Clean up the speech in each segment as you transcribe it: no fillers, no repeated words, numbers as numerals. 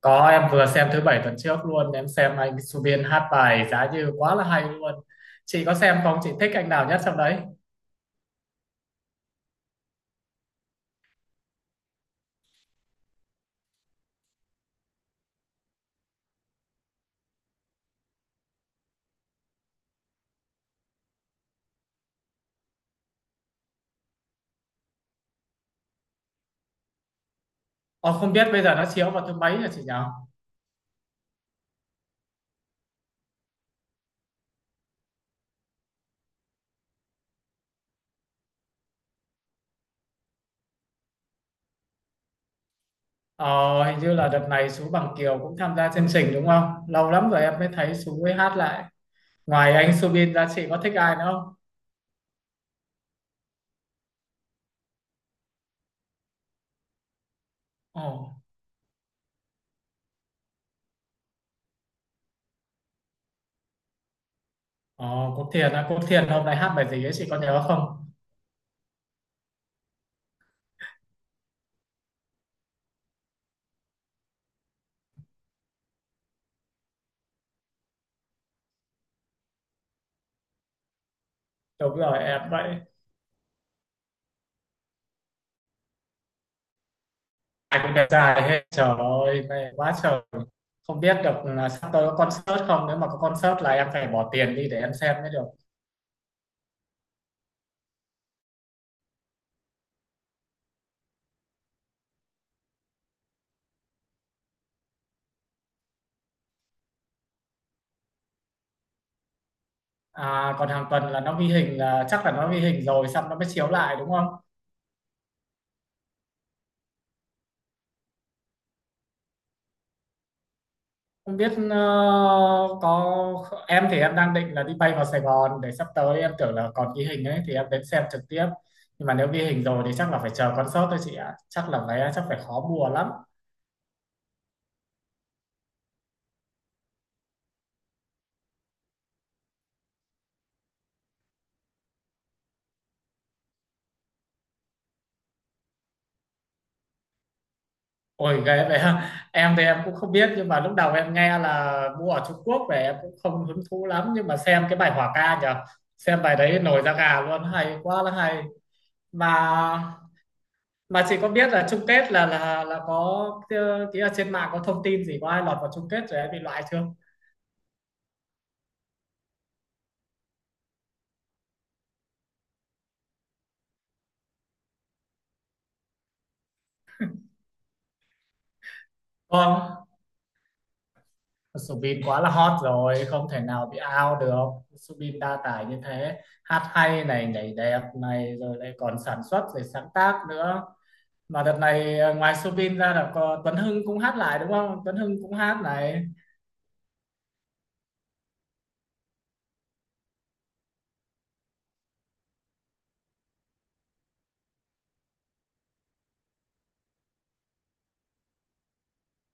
Có, em vừa xem thứ bảy tuần trước luôn. Em xem anh Subin hát bài Giá Như quá là hay luôn. Chị có xem không? Chị thích anh nào nhất trong đấy? Ờ, Không biết bây giờ nó chiếu vào thứ mấy hả chị nhỉ? Ờ, Hình như là đợt này Sú Bằng Kiều cũng tham gia chương trình đúng không? Lâu lắm rồi em mới thấy Sú mới hát lại. Ngoài anh Subin ra chị có thích ai nữa không? Ồ. ờ, Quốc Thiền á, Quốc Thiền hôm nay hát bài gì ấy, chị có nhớ không? Đúng rồi em vậy. Ai cũng đẹp trai hết. Trời ơi mê quá trời. Không biết được là sắp tới có concert không, nếu mà có concert là em phải bỏ tiền đi để em xem mới được. À, còn hàng tuần là nó ghi hình, là chắc là nó ghi hình rồi xong nó mới chiếu lại đúng không? Không biết có, em thì em đang định là đi bay vào Sài Gòn, để sắp tới em tưởng là còn ghi hình ấy thì em đến xem trực tiếp, nhưng mà nếu ghi hình rồi thì chắc là phải chờ concert thôi chị ạ, chắc là vé chắc phải khó mua lắm. Ôi ghê vậy ha. Em thì em cũng không biết, nhưng mà lúc đầu em nghe là mua ở Trung Quốc về em cũng không hứng thú lắm, nhưng mà xem cái bài hỏa ca nhờ. Xem bài đấy nổi da gà luôn, hay quá là hay. Mà mà chị có biết là chung kết là là có kia, kia trên mạng có thông tin gì, có ai lọt vào chung kết rồi em bị loại chưa? Có. Subin quá là hot rồi, không thể nào bị out được. Subin đa tài như thế, hát hay này, nhảy đẹp này, rồi lại còn sản xuất rồi sáng tác nữa. Mà đợt này ngoài Subin ra là có Tuấn Hưng cũng hát lại đúng không, Tuấn Hưng cũng hát này.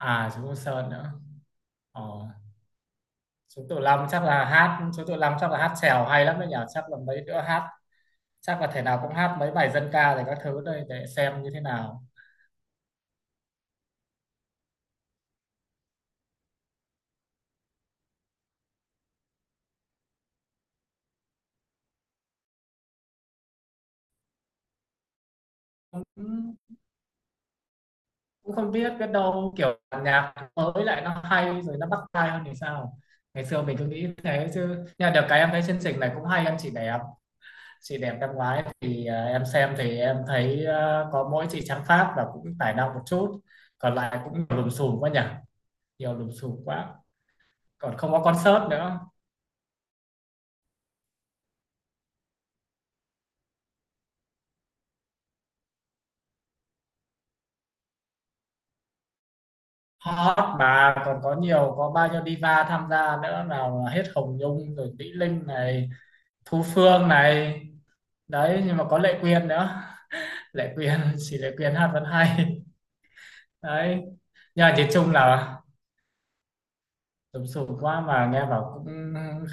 À chú Công Sơn nữa. Ờ. Chú Tự Long chắc là hát, chèo hay lắm đấy nhỉ, chắc là mấy đứa hát, chắc là thể nào cũng hát mấy bài dân ca rồi các thứ đây để xem như thế nào. Ừ, cũng không biết, biết đâu kiểu nhạc mới lại nó hay rồi nó bắt tai hơn thì sao, ngày xưa mình cứ nghĩ thế chứ. Nhưng mà được cái em thấy chương trình này cũng hay. Em, chị đẹp, chị đẹp năm ngoái thì em xem thì em thấy có mỗi chị Trang Pháp và cũng tài năng một chút, còn lại cũng lùm xùm quá nhỉ, nhiều lùm xùm quá, còn không có concert nữa. Hot mà còn có nhiều, có bao nhiêu diva tham gia nữa, nào là hết Hồng Nhung rồi Mỹ Linh này, Thu Phương này. Đấy nhưng mà có Lệ Quyên nữa. Lệ Quyên, chỉ Lệ Quyên hát vẫn hay. Đấy nhưng mà nhìn chung là sụp sụp quá, mà nghe bảo cũng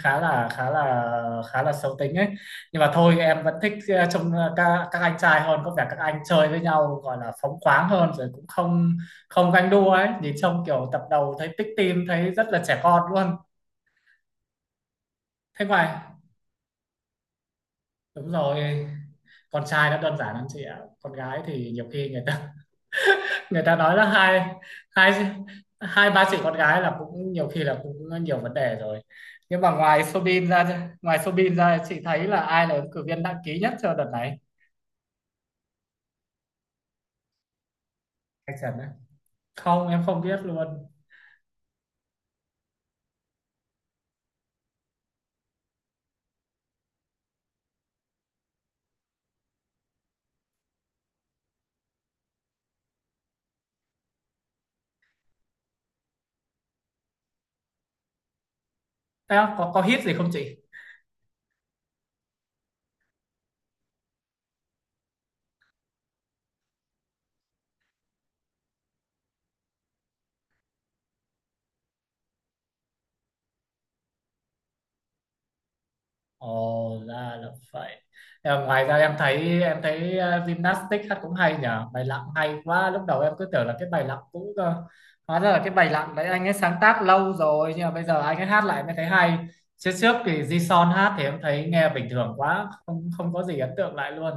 khá là khá là khá là xấu tính ấy. Nhưng mà thôi em vẫn thích trông các anh trai hơn, có vẻ các anh chơi với nhau gọi là phóng khoáng hơn, rồi cũng không, không ganh đua ấy, nhìn trông kiểu tập đầu thấy tích tim thấy rất là trẻ con luôn. Thế ngoài, đúng rồi, con trai nó đơn giản lắm chị ạ, con gái thì nhiều khi người ta người ta nói là hai hai hai ba chị con gái là cũng nhiều khi là cũng nhiều vấn đề rồi. Nhưng mà ngoài Sobin ra chị thấy là ai là ứng cử viên đăng ký nhất cho đợt này? Anh Trần đấy? Không, em không biết luôn. Em có hit gì không chị? Ồ ra là vậy. Em, ngoài ra em thấy gymnastics hát cũng hay nhở, bài lặng hay quá. Lúc đầu em cứ tưởng là cái bài lặng cũ cơ. Hóa ra là cái bài lặng đấy anh ấy sáng tác lâu rồi, nhưng mà bây giờ anh ấy hát lại mới thấy hay. Trước trước thì Jison hát thì em thấy nghe bình thường quá, không, không có gì ấn tượng lại luôn.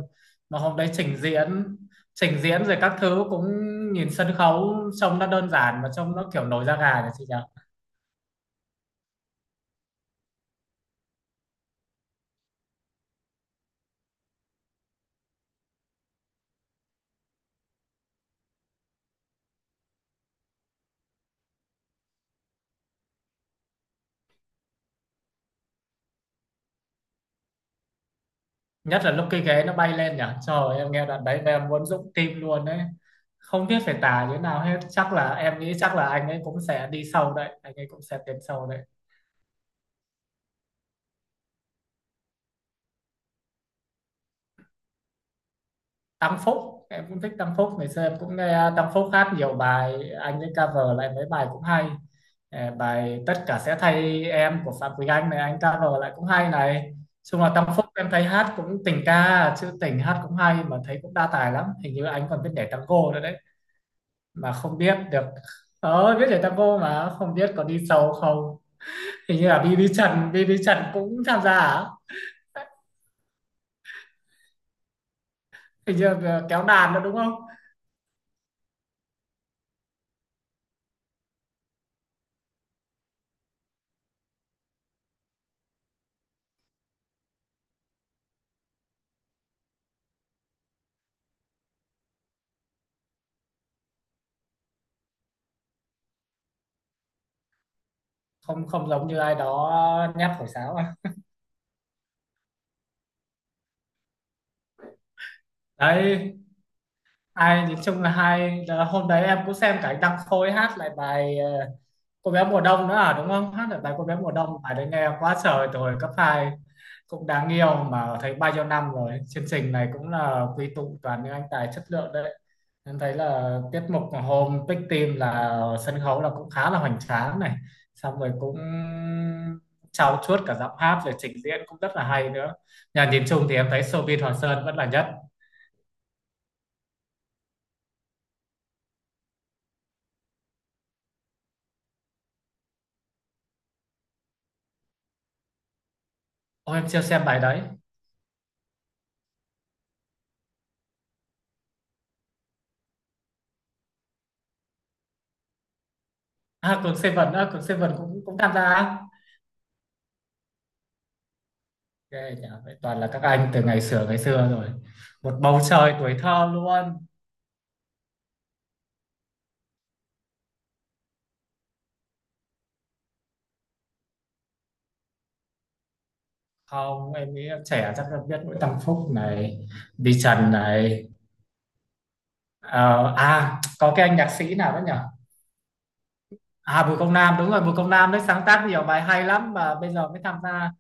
Mà hôm đấy trình diễn, rồi các thứ cũng nhìn sân khấu, trông nó đơn giản mà trông nó kiểu nổi da gà nhỉ chị nhỉ? Nhất là lúc cái ghế nó bay lên nhỉ, trời ơi, em nghe đoạn đấy mà em muốn dũng tim luôn đấy. Không biết phải tả như thế nào hết. Chắc là em nghĩ chắc là anh ấy cũng sẽ đi sâu đấy, anh ấy cũng sẽ tiến sâu đấy. Tăng Phúc em cũng thích. Tăng Phúc ngày xưa em cũng nghe Tăng Phúc hát nhiều bài, anh ấy cover lại mấy bài cũng hay. Ờ, bài Tất cả sẽ thay em của Phạm Quỳnh Anh này, anh cover lại cũng hay này. Chung là Tăng Phúc em thấy hát cũng tình ca, chứ tình hát cũng hay. Mà thấy cũng đa tài lắm, hình như anh còn biết nhảy tango nữa đấy, mà không biết được. Ờ biết nhảy tango mà không biết có đi sâu không. Hình như là BB Trần cũng tham gia hả, hình như là kéo đàn nữa đúng không. Không, không giống như ai đó nhát thổi sáo à. Đấy, nói chung là hai là hôm đấy em cũng xem cả anh Đăng Khôi hát lại bài cô bé mùa đông nữa à đúng không, hát lại bài cô bé mùa đông, bài đấy nghe quá trời rồi cấp hai. Cũng đáng yêu. Mà thấy bao nhiêu năm rồi chương trình này cũng là quy tụ toàn những anh tài chất lượng đấy. Em thấy là tiết mục hôm Big Team là sân khấu là cũng khá là hoành tráng này, xong rồi cũng trau chuốt cả giọng hát rồi trình diễn cũng rất là hay nữa. Nhà nhìn chung thì em thấy showbiz Hoàng Sơn vẫn là nhất. Ôi em chưa xem bài đấy. À, Cường Seven á, Cường Seven cũng cũng tham gia á. Ghê nhỉ, vậy toàn là các anh từ ngày xưa rồi. Một bầu trời tuổi thơ luôn. Không, em nghĩ trẻ chắc là biết Nguyễn Tâm Phúc này, đi Trần này. Ờ, à, có cái anh nhạc sĩ nào đó nhỉ? À, Bùi Công Nam, đúng rồi, Bùi Công Nam đấy sáng tác nhiều bài hay lắm mà bây giờ mới tham gia.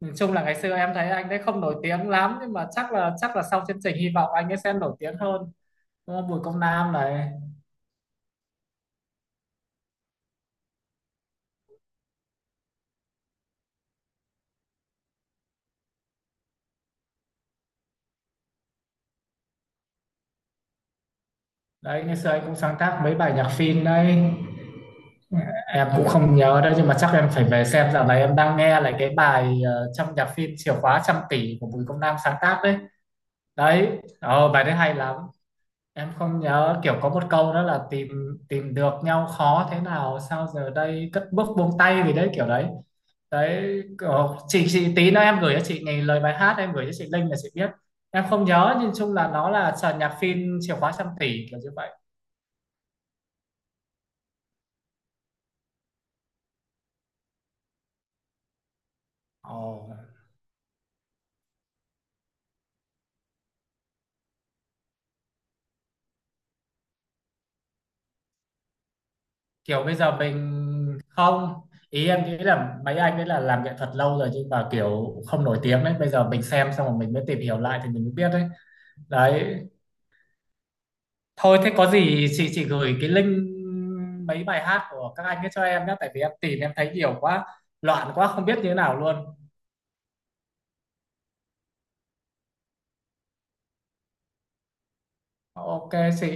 Nói chung là ngày xưa em thấy anh đấy không nổi tiếng lắm, nhưng mà chắc là sau chương trình hy vọng anh ấy sẽ nổi tiếng hơn. Đúng không? Bùi Công Nam này. Đấy, ngày xưa anh cũng sáng tác mấy bài nhạc phim đấy. Em cũng không nhớ đâu, nhưng mà chắc em phải về xem. Dạo này em đang nghe lại cái bài trong nhạc phim Chìa khóa trăm tỷ của Bùi Công Nam sáng tác đấy. Đấy bài đấy hay lắm. Em không nhớ, kiểu có một câu đó là tìm, được nhau khó thế nào sao giờ đây cất bước buông tay gì đấy kiểu đấy. Đấy chị tí nữa em gửi cho chị nghe lời bài hát, em gửi cho chị link là chị biết. Em không nhớ, nhưng chung là nó là sàn nhạc phim Chìa khóa trăm tỷ kiểu như vậy. Ồ, kiểu bây giờ mình, không, ý em nghĩ là mấy anh ấy là làm nghệ thuật lâu rồi, nhưng mà kiểu không nổi tiếng đấy, bây giờ mình xem xong rồi mình mới tìm hiểu lại thì mình mới biết đấy. Đấy thôi thế có gì chị gửi cái link mấy bài hát của các anh ấy cho em nhé, tại vì em tìm em thấy nhiều quá, loạn quá không biết như thế nào luôn. Ok chị.